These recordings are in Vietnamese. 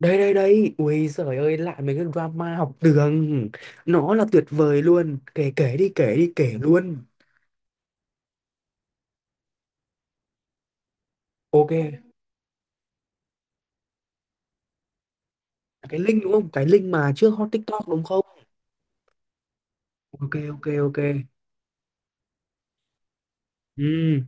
Đây đây đây, ui giời ơi, lại mấy cái drama học đường. Nó là tuyệt vời luôn, kể kể đi, kể đi, kể luôn. Ok. Cái link đúng không, cái link mà trước hot TikTok đúng không? Ok ok ok. Ừ.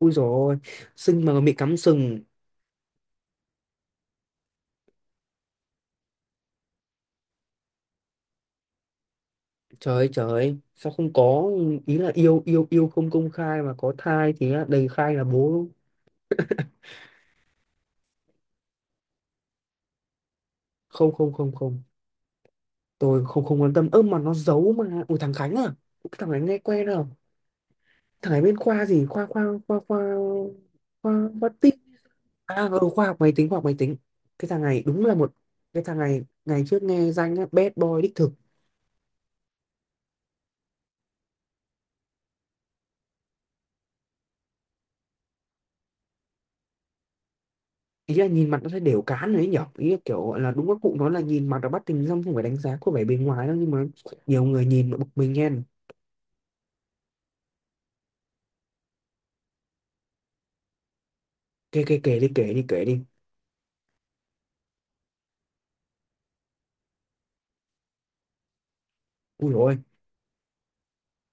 Ui rồi, xinh mà bị cắm sừng. Trời ơi, trời ơi. Sao không có, ý là yêu yêu yêu không công khai mà có thai thì á, đầy khai là bố. Không không không không, tôi không không quan tâm. Ơ mà nó giấu mà, ui thằng Khánh à? Cái thằng Khánh nghe quen à. Thằng này bên khoa gì, khoa khoa khoa khoa, khoa khoa tin. À ừ, khoa học máy tính, khoa học máy tính. Cái thằng này đúng là một, cái thằng này ngày trước nghe danh á, bad boy đích thực. Ý là nhìn mặt nó thấy đều cán đấy nhở, ý là kiểu gọi là đúng các cụ nói là nhìn mặt là bắt tình dong, không phải đánh giá có vẻ bề ngoài đâu nhưng mà nhiều người nhìn mà bực mình nghe. Kể kể kể đi, kể đi, kể đi. Ui rồi,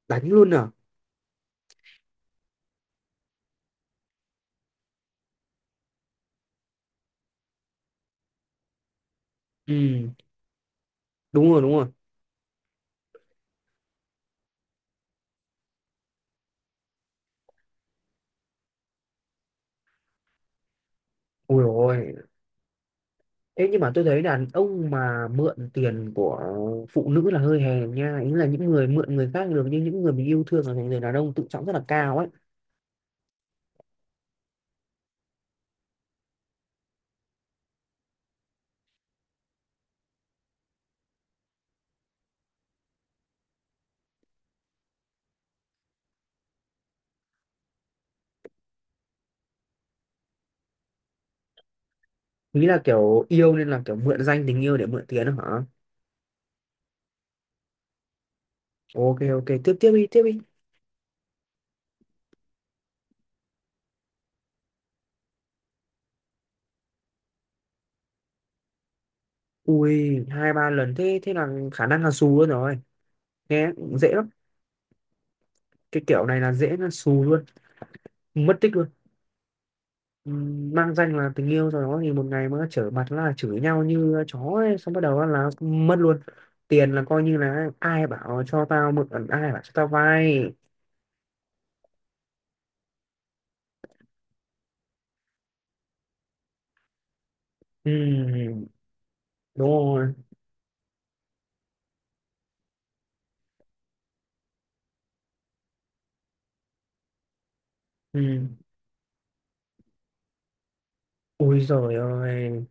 đánh luôn à? Ừ đúng rồi đúng rồi. Ui rồi. Thế nhưng mà tôi thấy đàn ông mà mượn tiền của phụ nữ là hơi hèn nha. Ý là những người mượn người khác được, nhưng những người mình yêu thương là thành người đàn ông tự trọng rất là cao ấy. Ý là kiểu yêu nên là kiểu mượn danh tình yêu để mượn tiền đó hả? Ok ok, tiếp tiếp đi, tiếp đi. Ui, hai ba lần thế thế là khả năng là xù luôn rồi. Nghe dễ lắm. Cái kiểu này là dễ là xù luôn, mất tích luôn. Mmang danh là tình yêu rồi đó thì một ngày mà trở mặt là chửi nhau như chó ấy, xong bắt đầu á là mất luôn tiền, là coi như là ai bảo cho tao mượn, ai bảo cho tao vay. Ừm, đúng rồi. Ừm. Ui rồi ơi,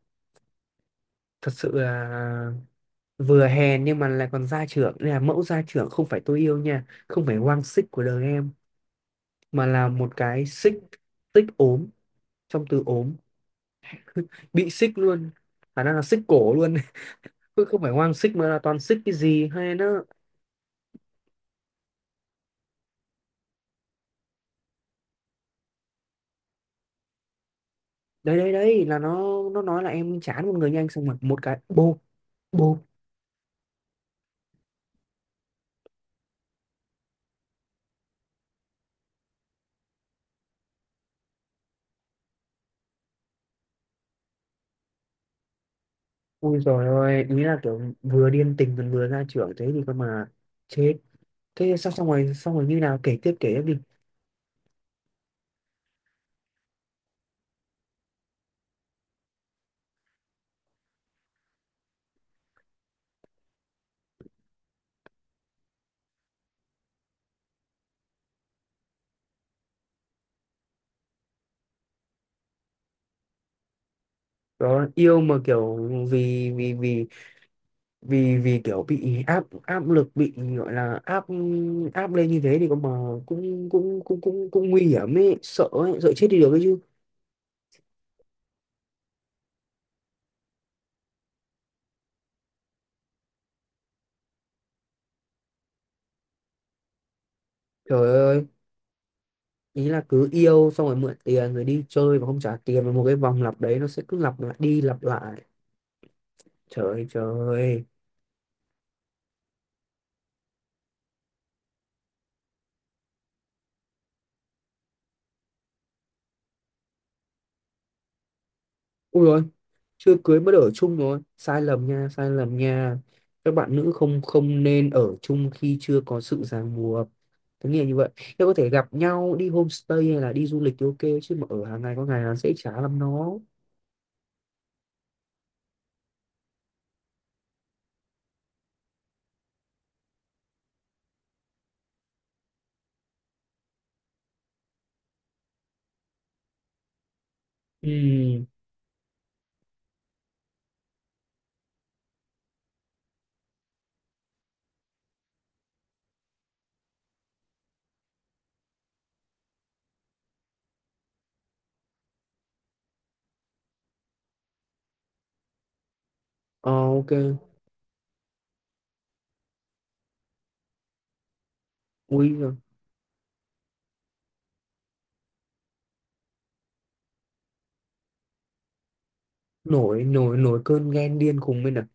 thật sự là vừa hèn nhưng mà lại còn gia trưởng. Đây là mẫu gia trưởng, không phải tôi yêu nha, không phải quang xích của đời em, mà là một cái xích, tích ốm, trong từ ốm, bị xích luôn, khả năng là xích cổ luôn, cứ không phải hoang xích mà là toàn xích cái gì hay nó. Đấy đấy đấy, là nó nói là em chán một người nhanh, xong mặc một cái bô, bô. Ui rồi ôi, ý là kiểu vừa điên tình còn vừa ra trưởng thế thì cơ mà chết. Thế xong xong rồi, xong rồi như nào, kể tiếp đi. Đó yêu mà kiểu, vì vì vì vì vì kiểu bị áp áp lực, bị gọi là áp áp lên như thế thì cơ mà cũng cũng cũng cũng cũng nguy hiểm ấy, sợ ấy, sợ chết đi được ấy chứ. Trời ơi. Ý là cứ yêu xong rồi mượn tiền rồi đi chơi và không trả tiền, và một cái vòng lặp đấy nó sẽ cứ lặp lại đi lặp lại. Trời ơi, trời ơi. Ui rồi, chưa cưới mới ở chung rồi, sai lầm nha, sai lầm nha. Các bạn nữ không không nên ở chung khi chưa có sự ràng buộc. Thế nghĩa như vậy. Nếu có thể gặp nhau đi homestay hay là đi du lịch thì ok, chứ mà ở hàng ngày có ngày là sẽ chả lắm nó. Ừ. Ờ, ok. Ui giời. Nổi nổi nổi cơn ghen điên khùng lên à?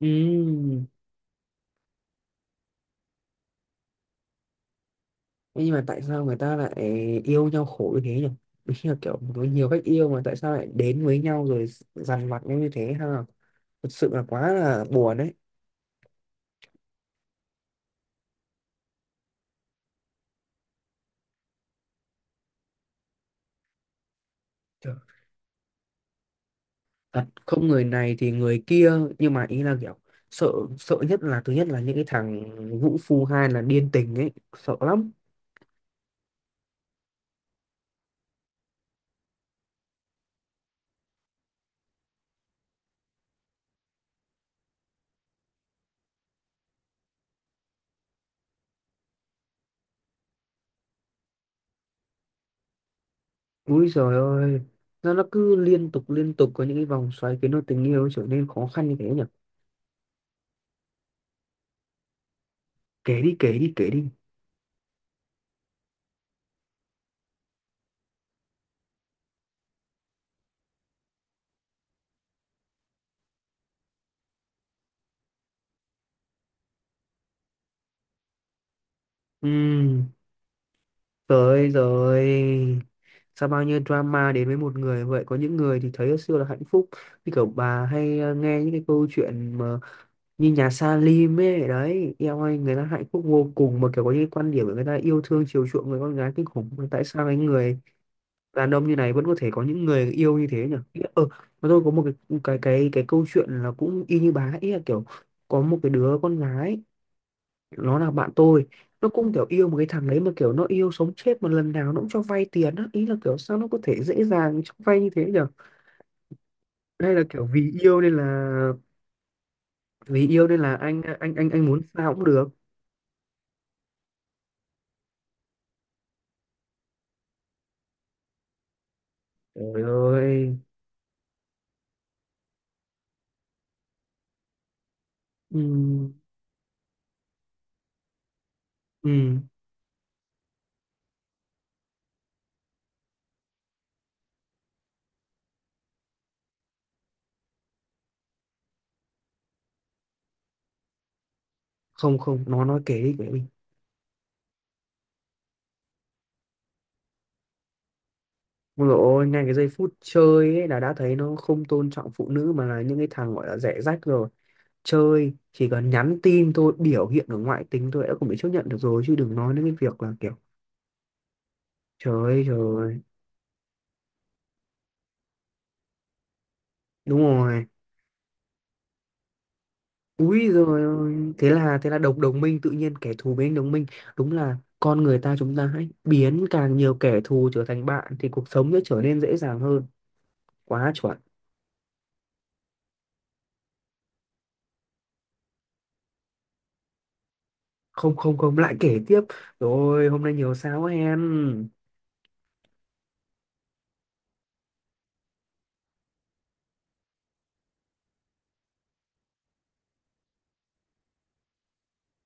Ừ. Nhưng mà tại sao người ta lại yêu nhau khổ như thế nhỉ? Đúng là kiểu có nhiều cách yêu mà tại sao lại đến với nhau rồi dằn vặt nhau như thế ha. Thật sự là quá là buồn đấy. Kiểu, thật không người này thì người kia, nhưng mà ý là kiểu sợ, sợ nhất là thứ nhất là những cái thằng vũ phu, hai là điên tình ấy, sợ lắm. Úi giời ơi, nó cứ liên tục có những cái vòng xoáy khiến cho tình yêu trở nên khó khăn như thế nhỉ. Kể đi kể đi kể đi. Ừm. Tới rồi. Sao bao nhiêu drama đến với một người vậy? Có những người thì thấy hồi xưa là hạnh phúc, như kiểu bà hay nghe những cái câu chuyện mà, như nhà Salim ấy. Đấy em ơi, người ta hạnh phúc vô cùng. Mà kiểu có những cái quan điểm của người ta yêu thương chiều chuộng người con gái kinh khủng. Mà tại sao cái người đàn ông như này vẫn có thể có những người yêu như thế nhỉ? Ý là- ờ, mà tôi có một cái cái câu chuyện là cũng y như bà ấy, ý là kiểu có một cái đứa con gái, nó là bạn tôi. Nó cũng kiểu yêu một cái thằng đấy, mà kiểu nó yêu sống chết, mà lần nào nó cũng cho vay tiền á. Ý là kiểu sao nó có thể dễ dàng cho vay như thế nhở? Hay là kiểu vì yêu nên là, vì yêu nên là anh muốn sao cũng được. Trời ơi. Ừ, ừ. Không không, nó nói kể đi kể đi. Ôi dồi ôi, ngay cái giây phút chơi ấy là đã thấy nó không tôn trọng phụ nữ, mà là những cái thằng gọi là rẻ rách rồi. Chơi chỉ cần nhắn tin thôi, biểu hiện ở ngoại tính thôi đã không bị chấp nhận được rồi, chứ đừng nói đến cái việc là kiểu. Trời ơi trời. Đúng rồi. Úi rồi ôi. Thế là thế là đồng đồng minh, tự nhiên kẻ thù biến đồng minh. Đúng là con người ta, chúng ta hãy biến càng nhiều kẻ thù trở thành bạn thì cuộc sống sẽ trở nên dễ dàng hơn. Quá chuẩn. Không không không, lại kể tiếp. Rồi hôm nay nhiều sao quá hen.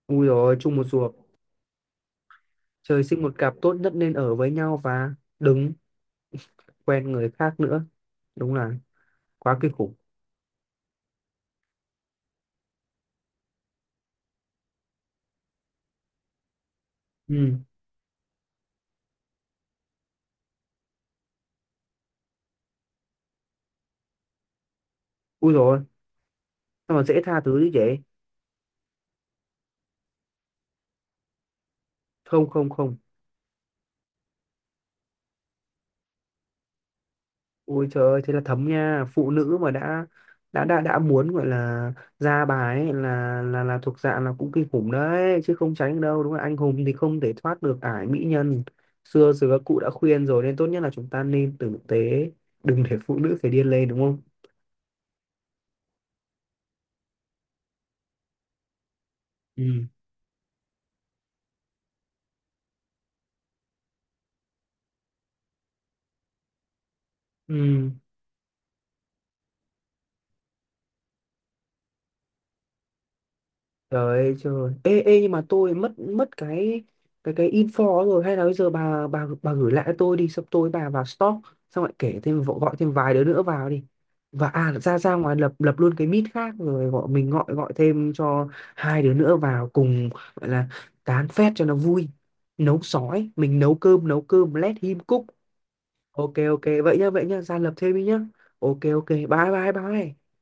Ui rồi, chung một ruột. Trời sinh một cặp tốt nhất nên ở với nhau và đừng quen người khác nữa. Đúng là quá kinh khủng. Ừ. Ui rồi, sao mà dễ tha thứ như vậy? Không không không. Ôi trời ơi, thế là thấm nha, phụ nữ mà đã đã muốn gọi là ra bài ấy, là là thuộc dạng là cũng kinh khủng đấy, chứ không tránh được đâu, đúng không? Anh hùng thì không thể thoát được ải mỹ nhân. Xưa giờ các cụ đã khuyên rồi, nên tốt nhất là chúng ta nên tử tế, đừng để phụ nữ phải điên lên đúng không? Ừ. Ừ. Trời ơi trời. Ê, ê nhưng mà tôi mất mất cái cái info rồi, hay là bây giờ bà gửi lại cho tôi đi, xong tôi bà vào stock xong lại kể thêm vợ- gọi thêm vài đứa nữa vào đi. Và à ra ra ngoài lập lập luôn cái meet khác, rồi gọi mình gọi gọi thêm cho hai đứa nữa vào cùng, gọi là tán phét cho nó vui. Nấu sói, mình nấu cơm let him cook. Ok ok vậy nhá, vậy nhá, ra lập thêm đi nhá. Ok ok bye bye bye.